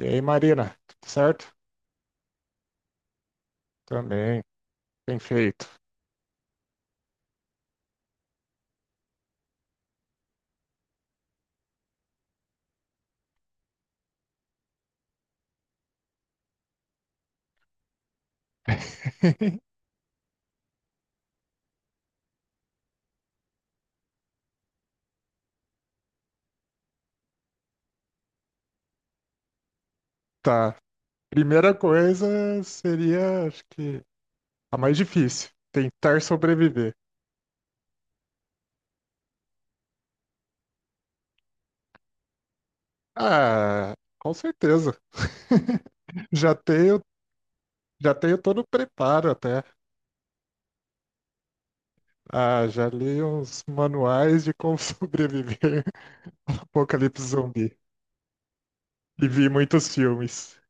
E aí, Marina, tudo certo? Também, bem feito. Tá. Primeira coisa seria, acho que a mais difícil, tentar sobreviver. Ah, com certeza. Já tenho, já tenho todo o preparo até. Ah, já li uns manuais de como sobreviver ao apocalipse zumbi e vi muitos filmes.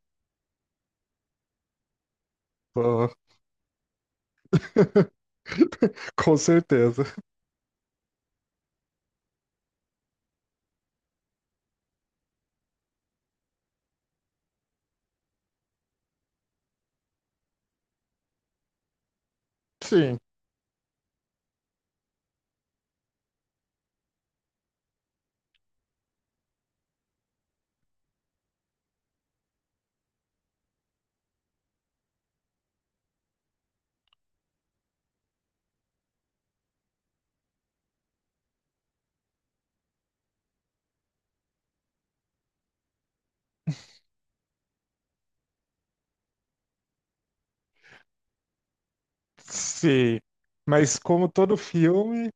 Tô- Com certeza. Sim, sim. Mas como todo filme,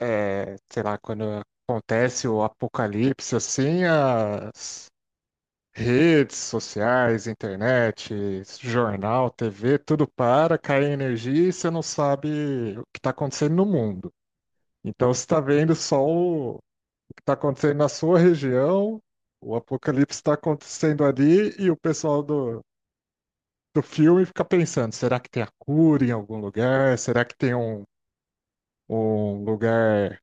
é, sei lá, quando acontece o apocalipse, assim, as redes sociais, internet, jornal, TV, tudo para, cai a energia e você não sabe o que está acontecendo no mundo. Então você está vendo só o que está acontecendo na sua região, o apocalipse está acontecendo ali e o pessoal do filme fica pensando, será que tem a cura em algum lugar? Será que tem um lugar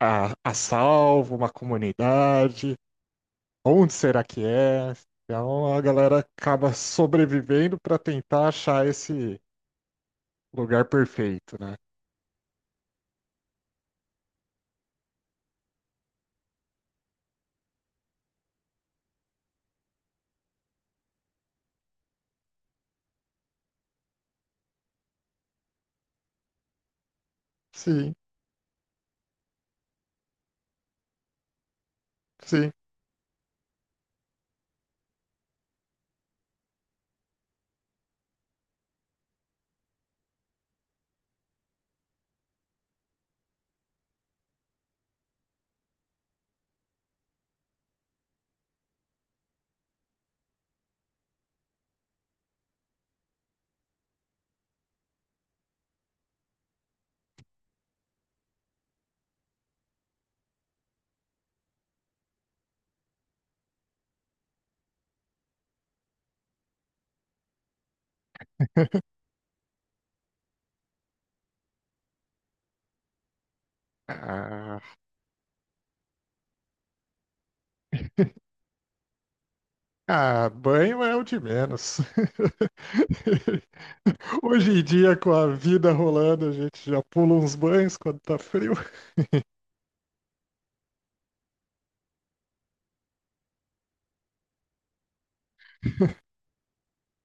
a salvo, uma comunidade, onde será que é? Então a galera acaba sobrevivendo para tentar achar esse lugar perfeito, né? Sim, sim. Ah, ah, banho é o de menos. Hoje em dia, com a vida rolando, a gente já pula uns banhos quando tá frio.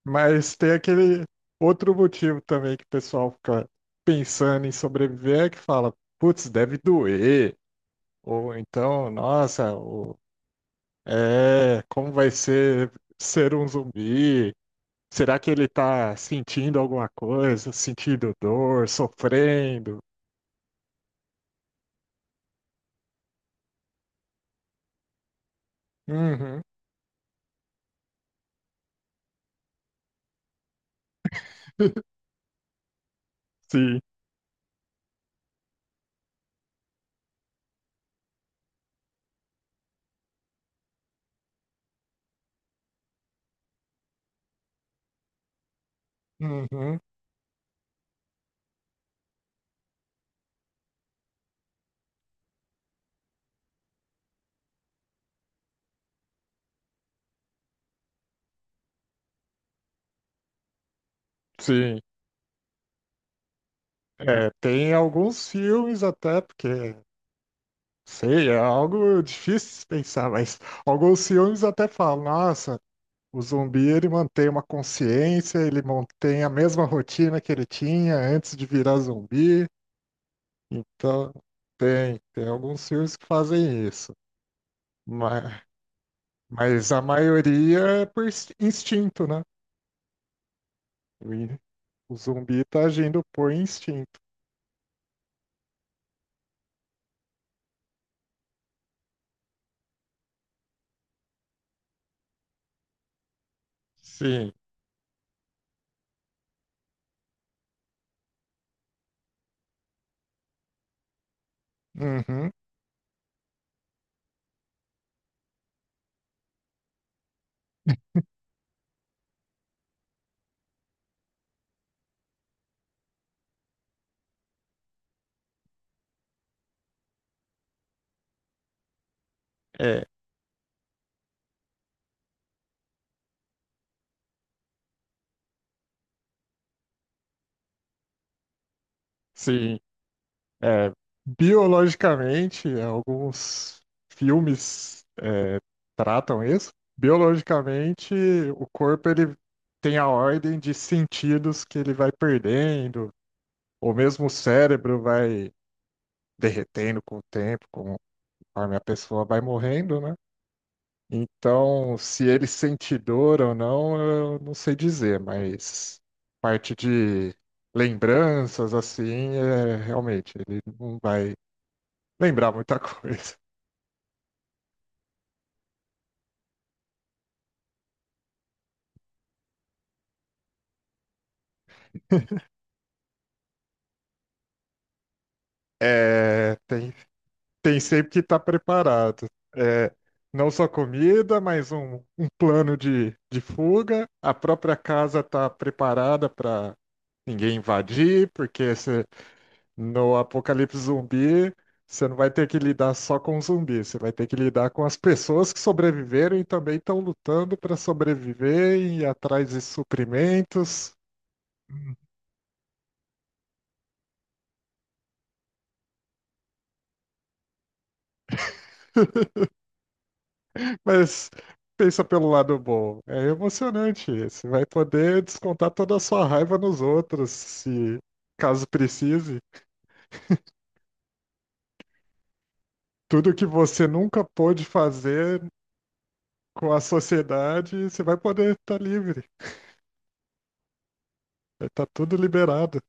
Mas tem aquele outro motivo também que o pessoal fica pensando em sobreviver, é que fala, putz, deve doer. Ou então, nossa, é, como vai ser um zumbi? Será que ele tá sentindo alguma coisa? Sentindo dor, sofrendo? Uhum, sim. Uhum, sim. É, tem alguns filmes até, porque, sei, é algo difícil de pensar, mas alguns filmes até falam, nossa. O zumbi, ele mantém uma consciência, ele mantém a mesma rotina que ele tinha antes de virar zumbi. Então, tem alguns filmes que fazem isso. Mas, mas a maioria é por instinto, né? O, in- o zumbi tá agindo por instinto. Sim. Uhum. É, sim. É, biologicamente, alguns filmes tratam isso. Biologicamente, o corpo ele tem a ordem de sentidos que ele vai perdendo, ou mesmo o cérebro vai derretendo com o tempo, conforme a pessoa vai morrendo, né? Então, se ele sente dor ou não, eu não sei dizer, mas parte de lembranças, assim, realmente, ele não vai lembrar muita coisa. É, tem sempre que estar preparado. É, não só comida, mas um plano de fuga. A própria casa está preparada para ninguém invadir, porque no apocalipse zumbi você não vai ter que lidar só com zumbi, você vai ter que lidar com as pessoas que sobreviveram e também estão lutando para sobreviver e ir atrás de suprimentos. Mas pensa pelo lado bom. É emocionante isso. Vai poder descontar toda a sua raiva nos outros, se caso precise. Tudo que você nunca pôde fazer com a sociedade, você vai poder estar livre. Vai estar tudo liberado.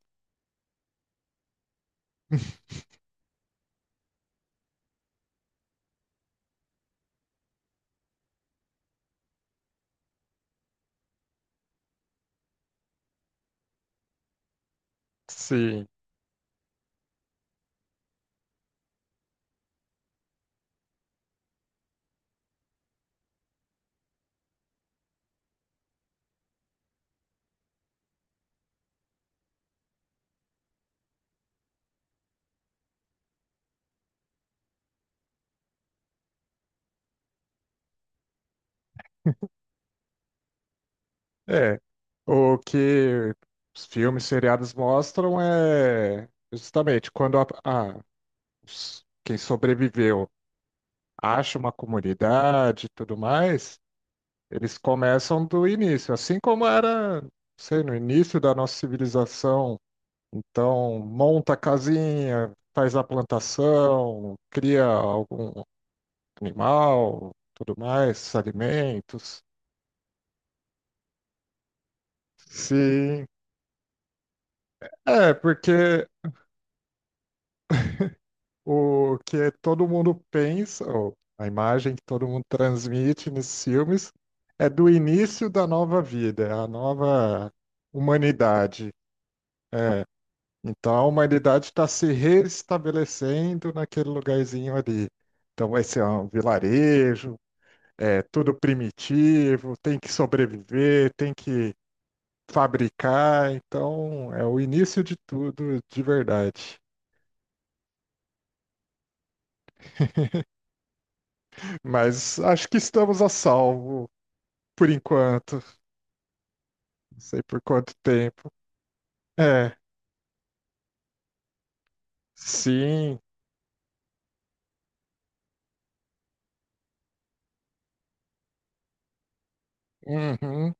Sim. É. O que os filmes seriados mostram é justamente quando quem sobreviveu acha uma comunidade e tudo mais. Eles começam do início, assim como era, não sei, no início da nossa civilização. Então, monta a casinha, faz a plantação, cria algum animal, tudo mais, alimentos. Sim, porque o que todo mundo pensa, ou a imagem que todo mundo transmite nesses filmes, é do início da nova vida, é a nova humanidade. É, então a humanidade está se restabelecendo naquele lugarzinho ali. Então vai ser um vilarejo, é tudo primitivo, tem que sobreviver, tem que fabricar. Então é o início de tudo de verdade. Mas acho que estamos a salvo por enquanto. Não sei por quanto tempo. É, sim. Uhum,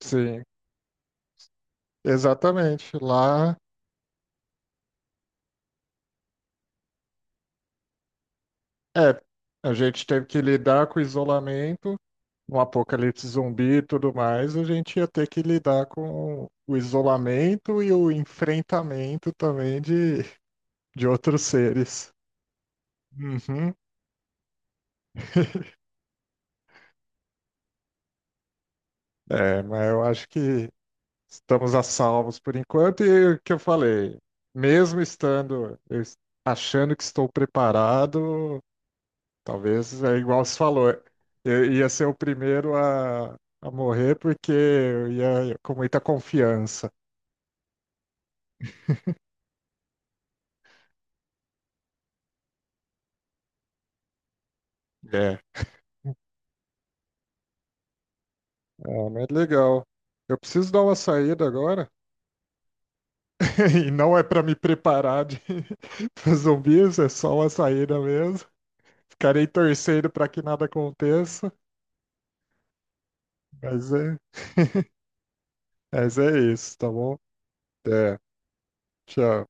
sim, exatamente. Lá é, a gente teve que lidar com o isolamento. Um apocalipse zumbi e tudo mais, a gente ia ter que lidar com o isolamento e o enfrentamento também de outros seres. Uhum. É, mas eu acho que estamos a salvos por enquanto. E o que eu falei, mesmo estando, achando que estou preparado, talvez é igual você falou, eu ia ser o primeiro a morrer porque eu ia com muita confiança. É, ah, mas legal. Eu preciso dar uma saída agora. E não é para me preparar de pros zumbis, é só uma saída mesmo. Ficarei torcendo para que nada aconteça, mas é, mas é isso, tá bom? É, tchau.